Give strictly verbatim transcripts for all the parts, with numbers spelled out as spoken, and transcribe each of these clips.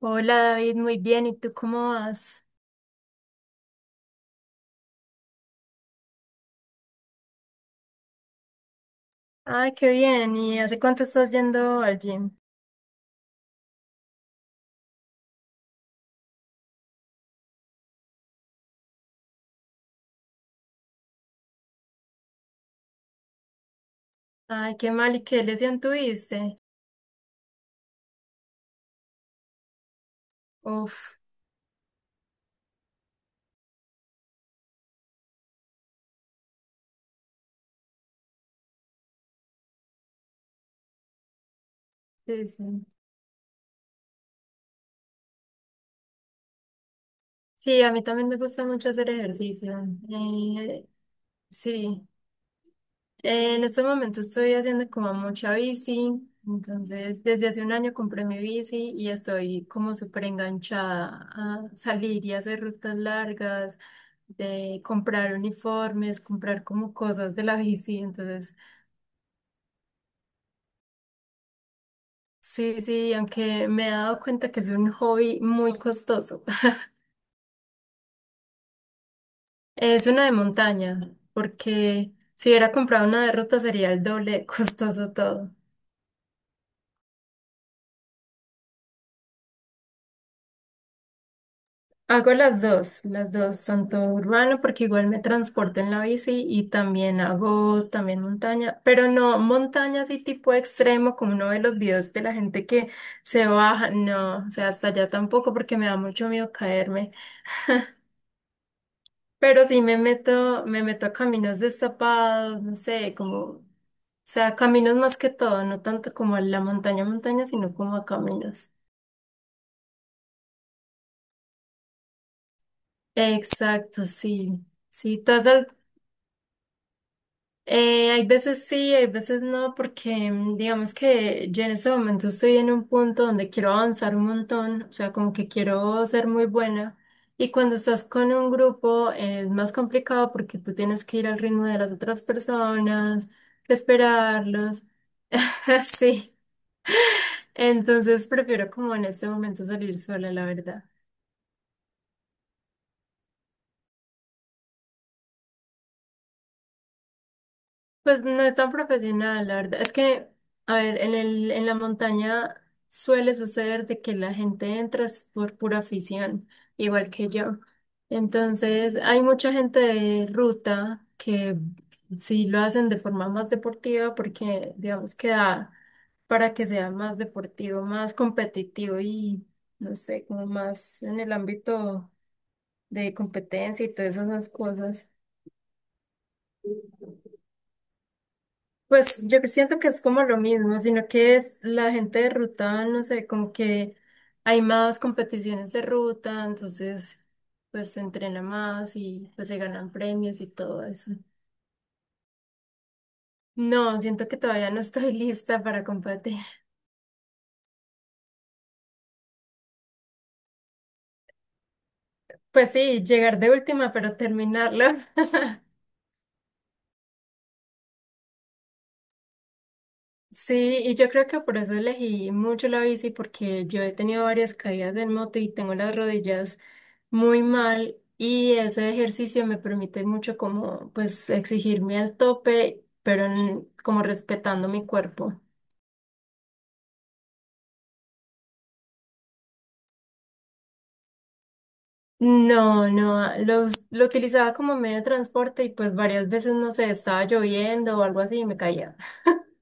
Hola David, muy bien. ¿Y tú cómo vas? Ay, qué bien. ¿Y hace cuánto estás yendo al gym? Ay, qué mal. ¿Y qué lesión tuviste? Uf, sí, sí. Sí, a mí también me gusta mucho hacer ejercicio. Eh, sí, Eh, en este momento estoy haciendo como mucha bici. Entonces, desde hace un año compré mi bici y estoy como súper enganchada a salir y hacer rutas largas, de comprar uniformes, comprar como cosas de la bici. Entonces, sí, sí, aunque me he dado cuenta que es un hobby muy costoso. Es una de montaña, porque si hubiera comprado una de ruta sería el doble de costoso todo. Hago las dos, las dos, tanto urbano porque igual me transporto en la bici y también hago también montaña, pero no montaña así tipo extremo como uno ve los videos de la gente que se baja, no, o sea, hasta allá tampoco porque me da mucho miedo caerme. Pero sí me meto, me meto a caminos destapados, no sé, como, o sea, caminos más que todo, no tanto como a la montaña, montaña, sino como a caminos. Exacto, sí. Sí, ¿tú has, al- Eh, hay veces sí, hay veces no, porque mm, digamos que yo en este momento estoy en un punto donde quiero avanzar un montón, o sea, como que quiero ser muy buena. Y cuando estás con un grupo eh, es más complicado porque tú tienes que ir al ritmo de las otras personas, esperarlos. Sí, entonces prefiero como en este momento salir sola, la verdad. Pues no es tan profesional, la verdad. Es que, a ver, en el, en la montaña suele suceder de que la gente entra es por pura afición, igual que yo. Entonces, hay mucha gente de ruta que sí lo hacen de forma más deportiva porque, digamos, que da para que sea más deportivo, más competitivo y, no sé, como más en el ámbito de competencia y todas esas cosas. Pues yo siento que es como lo mismo, sino que es la gente de ruta, no sé, como que hay más competiciones de ruta, entonces pues se entrena más y pues se ganan premios y todo eso. No, siento que todavía no estoy lista para competir. Pues sí, llegar de última, pero terminarlo. Sí, y yo creo que por eso elegí mucho la bici, porque yo he tenido varias caídas en moto y tengo las rodillas muy mal y ese ejercicio me permite mucho como pues exigirme al tope, pero en- como respetando mi cuerpo. No, no, lo, us- lo utilizaba como medio de transporte y pues varias veces, no sé, estaba lloviendo o algo así y me caía.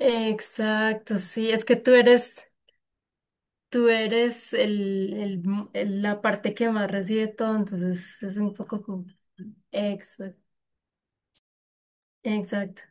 Exacto, sí, es que tú eres. Tú eres el, el m- el- la parte que más recibe todo, entonces es un poco como... Exacto, exacto.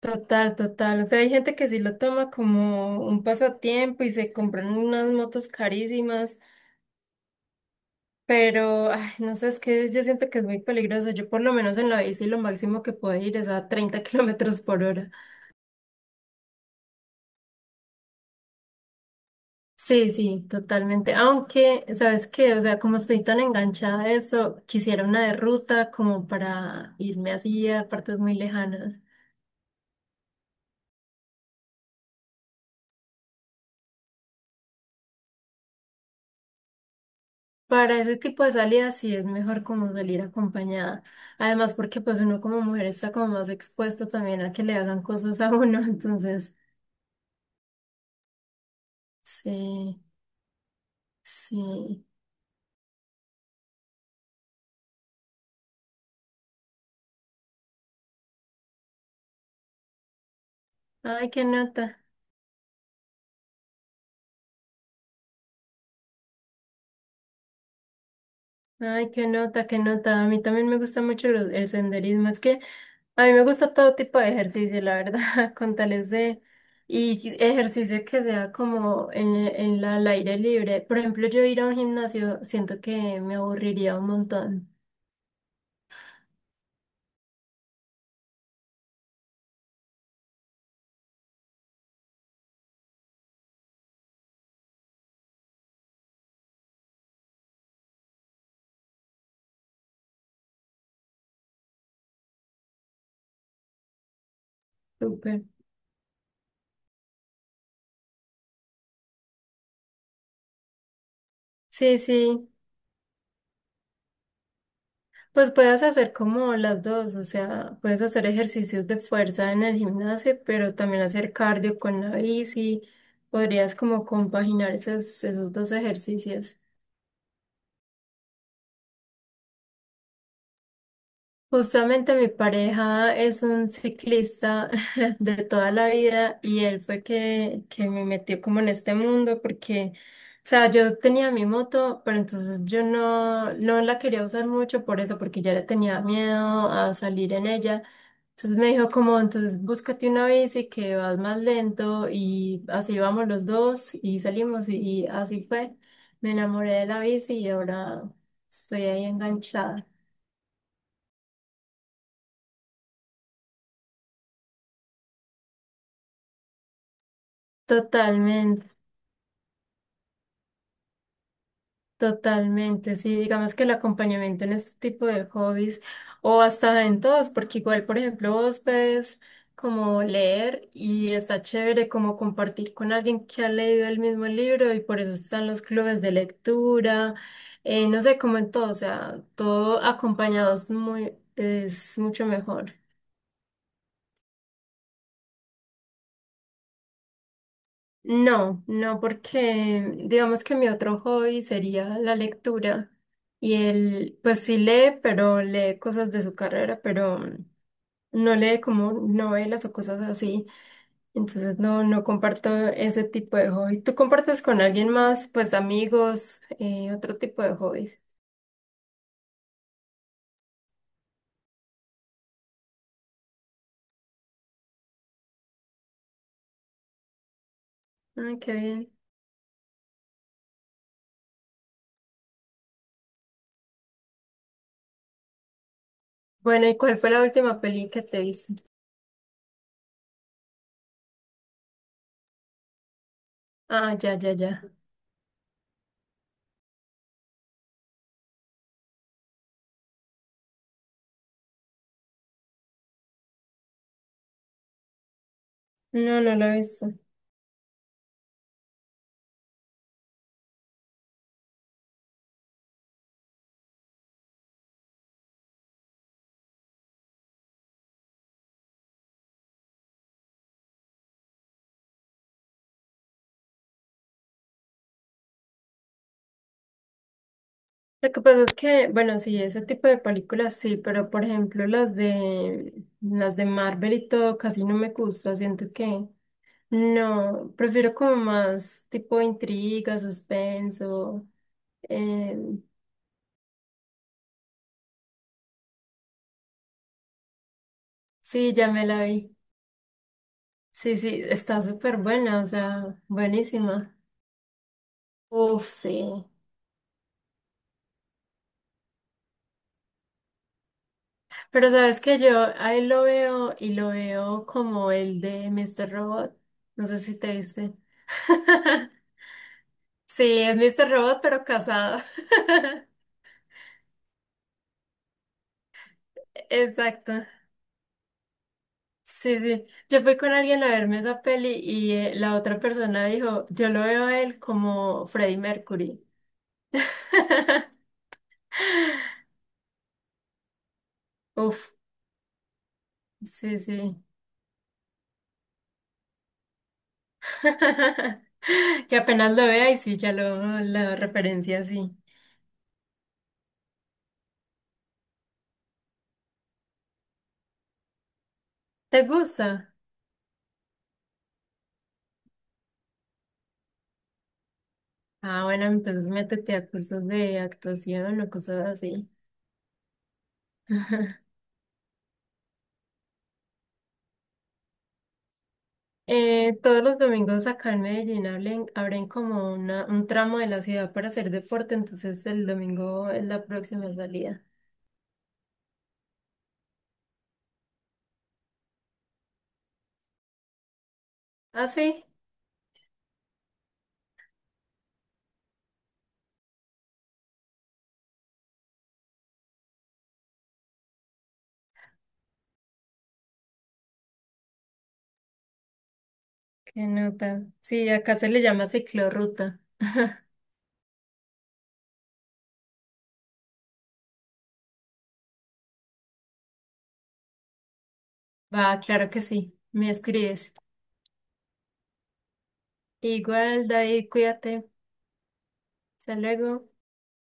Total, total. O sea, hay gente que sí lo toma como un pasatiempo y se compran unas motos carísimas, pero ay, no sé, es que yo siento que es muy peligroso. Yo por lo menos en la bici lo máximo que puedo ir es a treinta kilómetros por hora. Sí, sí, totalmente. Aunque, ¿sabes qué? O sea, como estoy tan enganchada a eso, quisiera una de ruta como para irme así a partes muy lejanas. Para ese tipo de salidas sí es mejor como salir acompañada. Además, porque pues uno como mujer está como más expuesto también a que le hagan cosas a uno. Entonces, sí, sí. Ay, qué nota. Ay, qué nota, qué nota. A mí también me gusta mucho el, el senderismo. Es que a mí me gusta todo tipo de ejercicio, la verdad, con tales de... Y que- ejercicio que sea como en, en la, al aire libre. Por ejemplo, yo ir a un gimnasio siento que me aburriría un montón. Súper. Sí, sí. Pues puedes hacer como las dos, o sea, puedes hacer ejercicios de fuerza en el gimnasio, pero también hacer cardio con la bici. Podrías como compaginar esos, esos dos ejercicios. Justamente mi pareja es un ciclista de toda la vida y él fue que, que me metió como en este mundo porque, o sea, yo tenía mi moto, pero entonces yo no, no la quería usar mucho por eso, porque ya le tenía miedo a salir en ella. Entonces me dijo como, entonces búscate una bici que vas más lento y así vamos los dos y salimos y, y así fue. Me enamoré de la bici y ahora estoy ahí enganchada. Totalmente. Totalmente, sí, digamos que el acompañamiento en este tipo de hobbies o hasta en todos, porque igual, por ejemplo, vos puedes como leer y está chévere como compartir con alguien que ha leído el mismo libro y por eso están los clubes de lectura, eh, no sé, como en todo, o sea, todo acompañado es muy, es mucho mejor. No, no, porque digamos que mi otro hobby sería la lectura. Y él, pues sí lee, pero lee cosas de su carrera, pero no lee como novelas o cosas así. Entonces no, no comparto ese tipo de hobby. ¿Tú compartes con alguien más, pues amigos, eh, otro tipo de hobbies? Ay, qué bien. Bueno, ¿y cuál fue la última peli que te viste? Ah, ya, ya, ya. No, no la he visto. Lo que pasa es que, bueno, sí, ese tipo de películas sí, pero por ejemplo las de las de Marvel y todo casi no me gusta, siento que no, prefiero como más tipo intriga, suspenso. eh, sí, ya me la vi. Sí, sí, está súper buena, o sea, buenísima. Uf, sí. Pero sabes que yo ahí lo veo y lo veo como el de mister Robot. No sé si te viste. Sí, es mister Robot, pero casado. Exacto. Sí, sí. Yo fui con alguien a verme esa peli y eh, la otra persona dijo, yo lo veo a él como Freddie Mercury. Uf, sí, sí. Que apenas lo vea y sí, ya lo, la referencia sí. ¿Te gusta? Ah, bueno, entonces métete a cursos de actuación o cosas así. Eh, todos los domingos acá en Medellín abren, abren como una, un tramo de la ciudad para hacer deporte, entonces el domingo es la próxima salida. Ah, sí, qué nota. Sí, acá se le llama ciclorruta. Va, claro que sí, me escribes. Igual, David, cuídate. Hasta luego.